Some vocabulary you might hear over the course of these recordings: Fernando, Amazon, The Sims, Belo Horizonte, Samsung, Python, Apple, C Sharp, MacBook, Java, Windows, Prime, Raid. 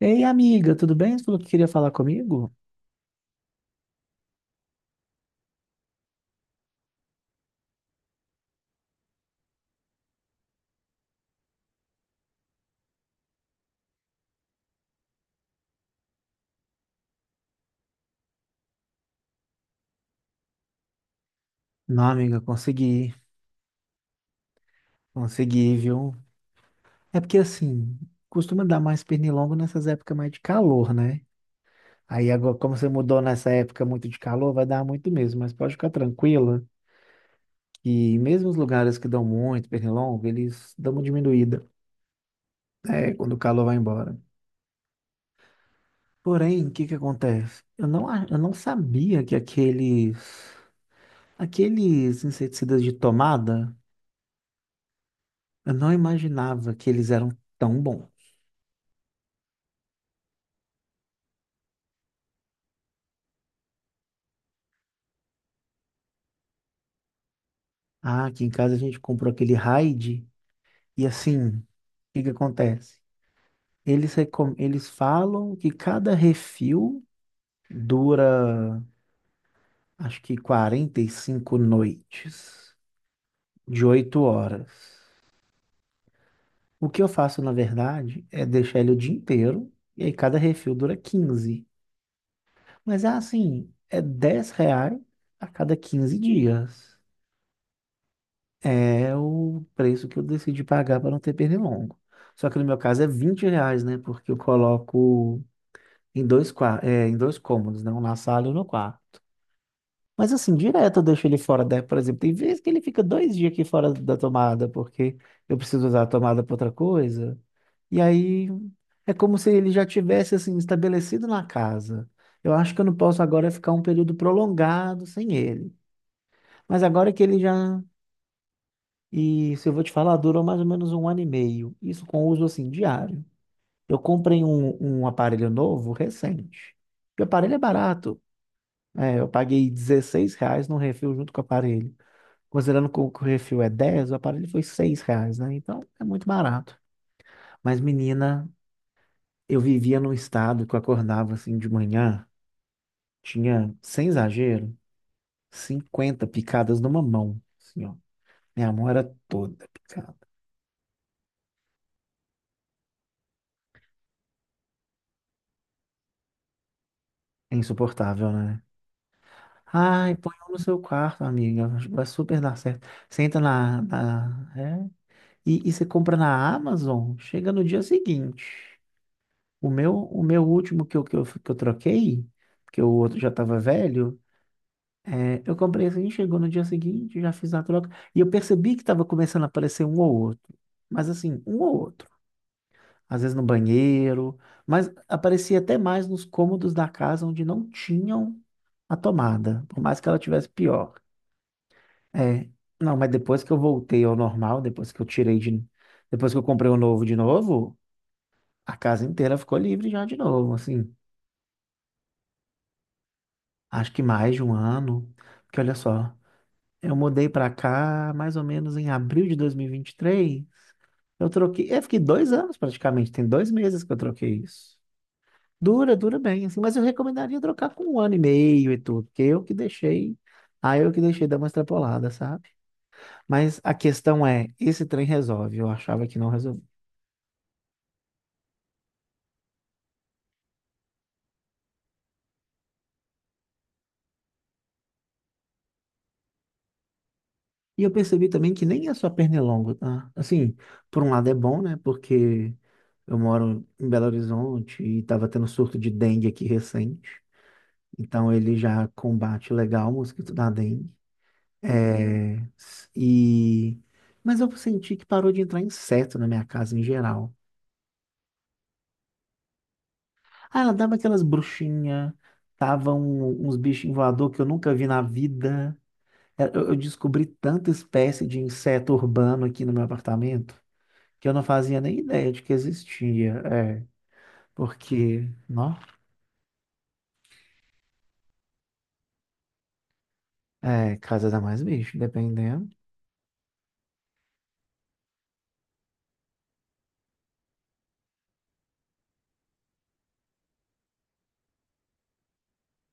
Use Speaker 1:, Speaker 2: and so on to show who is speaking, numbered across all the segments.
Speaker 1: Ei, amiga, tudo bem? Você falou que queria falar comigo? Não, amiga, consegui. Consegui, viu? É porque assim, costuma dar mais pernilongo nessas épocas mais de calor, né? Aí agora, como você mudou nessa época muito de calor, vai dar muito mesmo, mas pode ficar tranquila que mesmo os lugares que dão muito pernilongo, eles dão uma diminuída, né, quando o calor vai embora. Porém, o que que acontece? Eu não sabia que aqueles inseticidas de tomada, eu não imaginava que eles eram tão bons. Ah, aqui em casa a gente comprou aquele Raid e assim, o que que acontece? Eles falam que cada refil dura, acho que 45 noites, de 8 horas. O que eu faço, na verdade, é deixar ele o dia inteiro, e aí cada refil dura 15. Mas é assim, é R$ 10 a cada 15 dias. É o preço que eu decidi pagar para não ter pernilongo. Só que no meu caso é R$ 20, né? Porque eu coloco em dois cômodos, né? Um na sala e um no quarto. Mas assim, direto eu deixo ele fora da, por exemplo, tem vezes que ele fica 2 dias aqui fora da tomada, porque eu preciso usar a tomada para outra coisa. E aí é como se ele já tivesse assim estabelecido na casa. Eu acho que eu não posso agora ficar um período prolongado sem ele. Mas agora que ele já. E se eu vou te falar, durou mais ou menos um ano e meio. Isso com uso assim diário. Eu comprei um aparelho novo recente. E o aparelho é barato. É, eu paguei R$ 16 no refil junto com o aparelho. Considerando que o refil é 10, o aparelho foi R$ 6, né? Então é muito barato. Mas, menina, eu vivia num estado que eu acordava assim de manhã, tinha, sem exagero, 50 picadas numa mão. Assim, ó. Minha mão era toda picada. É insuportável, né? Ai, põe um no seu quarto, amiga. Acho que vai super dar certo. Senta na, na- é. E você compra na Amazon, chega no dia seguinte. O meu último que eu troquei, porque o outro já estava velho, é, eu comprei assim, chegou no dia seguinte, já fiz a troca. E eu percebi que estava começando a aparecer um ou outro. Mas assim, um ou outro. Às vezes no banheiro, mas aparecia até mais nos cômodos da casa onde não tinham a tomada, por mais que ela tivesse pior. É, não, mas depois que eu voltei ao normal, depois que eu comprei o novo de novo, a casa inteira ficou livre já de novo, assim. Acho que mais de um ano, porque olha só, eu mudei pra cá mais ou menos em abril de dois mil e vinte e três. Eu troquei, eu fiquei 2 anos praticamente, tem 2 meses que eu troquei isso. Dura, dura bem, assim, mas eu recomendaria trocar com um ano e meio e tudo, porque eu que deixei, aí eu que deixei dar uma extrapolada, sabe? Mas a questão é, esse trem resolve, eu achava que não. E eu percebi também que nem é só pernilongo, tá? Assim, por um lado é bom, né? Porque eu moro em Belo Horizonte e tava tendo surto de dengue aqui recente. Então ele já combate legal o mosquito da dengue. É. Mas eu senti que parou de entrar inseto na minha casa em geral. Ah, ela dava aquelas bruxinhas, tava uns bichinhos voador que eu nunca vi na vida. É, Eu descobri tanta espécie de inseto urbano aqui no meu apartamento. Que eu não fazia nem ideia de que existia. É, porque, não, é, casa dá mais bicho, dependendo.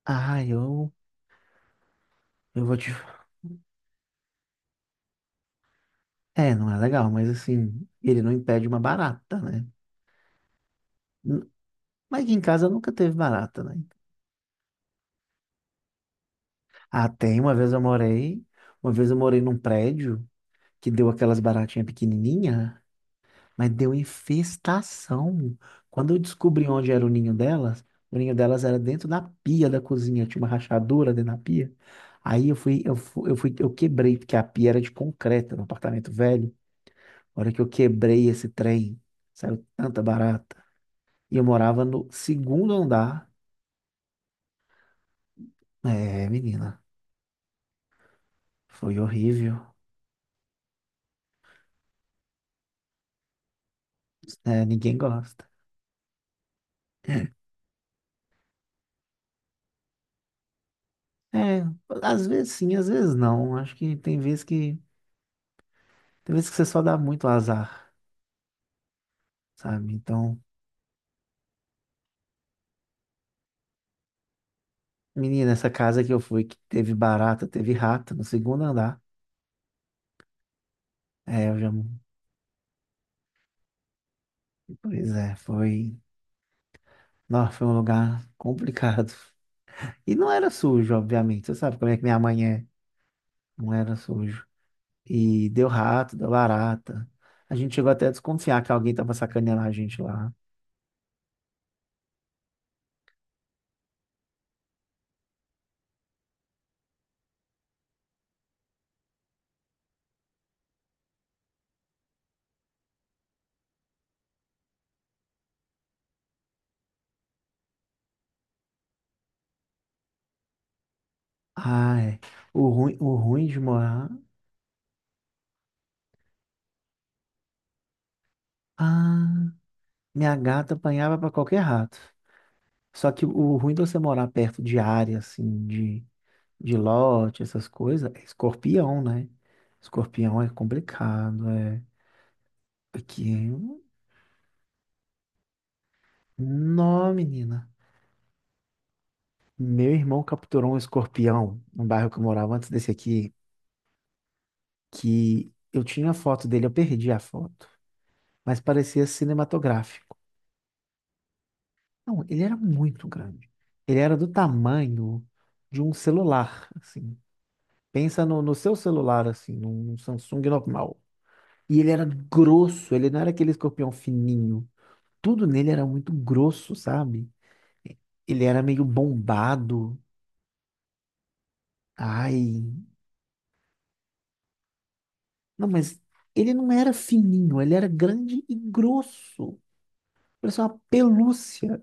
Speaker 1: Ah, eu vou te. É, não é legal, mas assim, ele não impede uma barata, né? N- Mas aqui em casa nunca teve barata, né? Ah, tem, uma vez eu morei num prédio que deu aquelas baratinhas pequenininhas. Mas deu infestação. Quando eu descobri onde era o ninho delas era dentro da pia da cozinha, tinha uma rachadura dentro da pia. Aí eu fui, eu fui, eu fui, eu quebrei, porque a pia era de concreto, no apartamento velho. A hora que eu quebrei esse trem, saiu tanta barata. E eu morava no segundo andar. É, menina, foi horrível. É, ninguém gosta. É, às vezes sim, às vezes não. Acho que tem vezes que você só dá muito azar, sabe? Então, menina, essa casa que eu fui, que teve barata, teve rato no segundo andar. É, eu já. Pois é, foi. Nossa, foi um lugar complicado. E não era sujo, obviamente. Você sabe como é que minha mãe é. Não era sujo. E deu rato, deu barata. A gente chegou até a desconfiar que alguém tava sacaneando a gente lá. Ah, é. O ruim de morar. Ah, minha gata apanhava pra qualquer rato. Só que o ruim de você morar perto de área, assim, de lote, essas coisas, é escorpião, né? Escorpião é complicado, é. Aqui, não, menina. Meu irmão capturou um escorpião no bairro que eu morava antes desse aqui, que eu tinha a foto dele, eu perdi a foto, mas parecia cinematográfico. Não, ele era muito grande. Ele era do tamanho de um celular, assim. Pensa no seu celular, assim, num Samsung normal. E ele era grosso, ele não era aquele escorpião fininho. Tudo nele era muito grosso, sabe? Ele era meio bombado. Ai, não, mas ele não era fininho, ele era grande e grosso. Parecia uma pelúcia.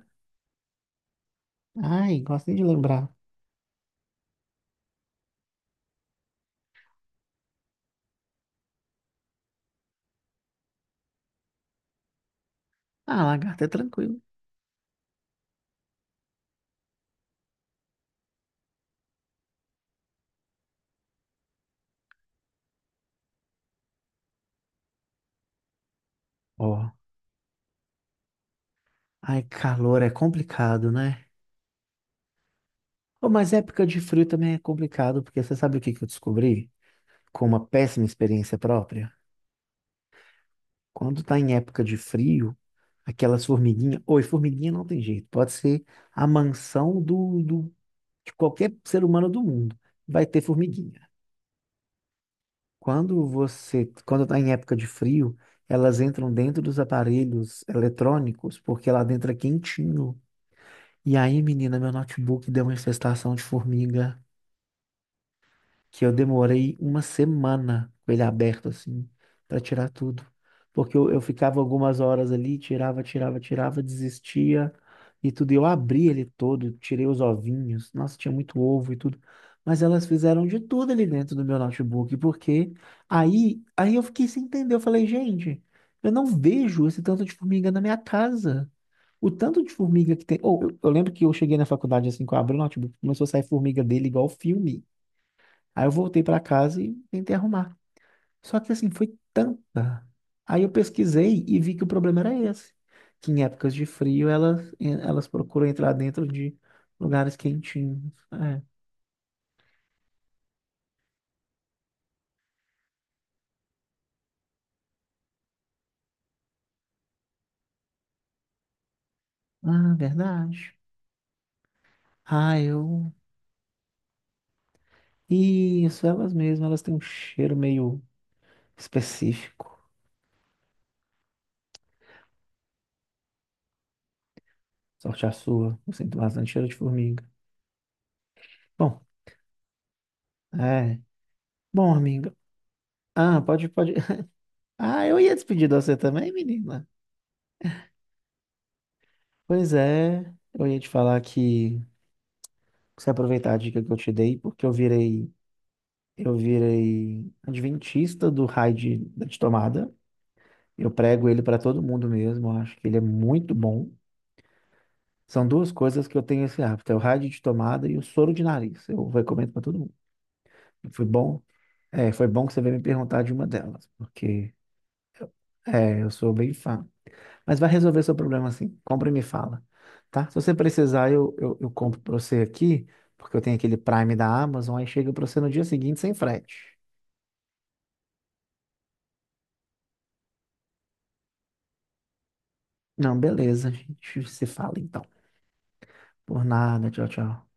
Speaker 1: Ai, gosto nem de lembrar. Ah, lagarta, é tranquilo. Ó, ai, calor é complicado, né? Ô, mas época de frio também é complicado, porque você sabe o que que eu descobri? Com uma péssima experiência própria? Quando tá em época de frio, aquelas formiguinhas. Oi, formiguinha não tem jeito. Pode ser a mansão do, do de qualquer ser humano do mundo, vai ter formiguinha. Quando você, quando está em época de frio, elas, entram dentro dos aparelhos eletrônicos, porque lá dentro é quentinho. E aí, menina, meu notebook deu uma infestação de formiga. Que eu demorei uma semana com ele aberto, assim, para tirar tudo. Porque eu ficava algumas horas ali, tirava, tirava, tirava, desistia e tudo. E eu abri ele todo, tirei os ovinhos. Nossa, tinha muito ovo e tudo. Mas elas fizeram de tudo ali dentro do meu notebook, porque aí eu fiquei sem entender. Eu falei, gente, eu não vejo esse tanto de formiga na minha casa. O tanto de formiga que tem. Ou eu lembro que eu cheguei na faculdade assim, que eu abri o notebook, começou a sair formiga dele igual filme. Aí eu voltei para casa e tentei arrumar. Só que assim, foi tanta. Aí eu pesquisei e vi que o problema era esse. Que em épocas de frio elas procuram entrar dentro de lugares quentinhos. É. Ah, verdade. Ah, eu. Isso, elas mesmas, elas têm um cheiro meio específico. Sorte a sua, eu sinto bastante cheiro de formiga. Bom, é. Bom, amiga. Ah, pode, pode. Ah, eu ia despedir de você também, menina. Pois é, eu ia te falar que você aproveitar a dica que eu te dei, porque eu virei adventista do raio de, da de tomada. Eu prego ele para todo mundo mesmo, eu acho que ele é muito bom. São duas coisas que eu tenho esse hábito, é o raio de tomada e o soro de nariz. Eu recomendo para todo mundo. Foi bom, é, foi bom que você veio me perguntar de uma delas, porque é, eu sou bem fã. Mas vai resolver seu problema assim, compra e me fala, tá? Se você precisar, eu compro para você aqui, porque eu tenho aquele Prime da Amazon, aí chega para você no dia seguinte sem frete. Não, beleza. A gente se fala então. Por nada. Tchau, tchau.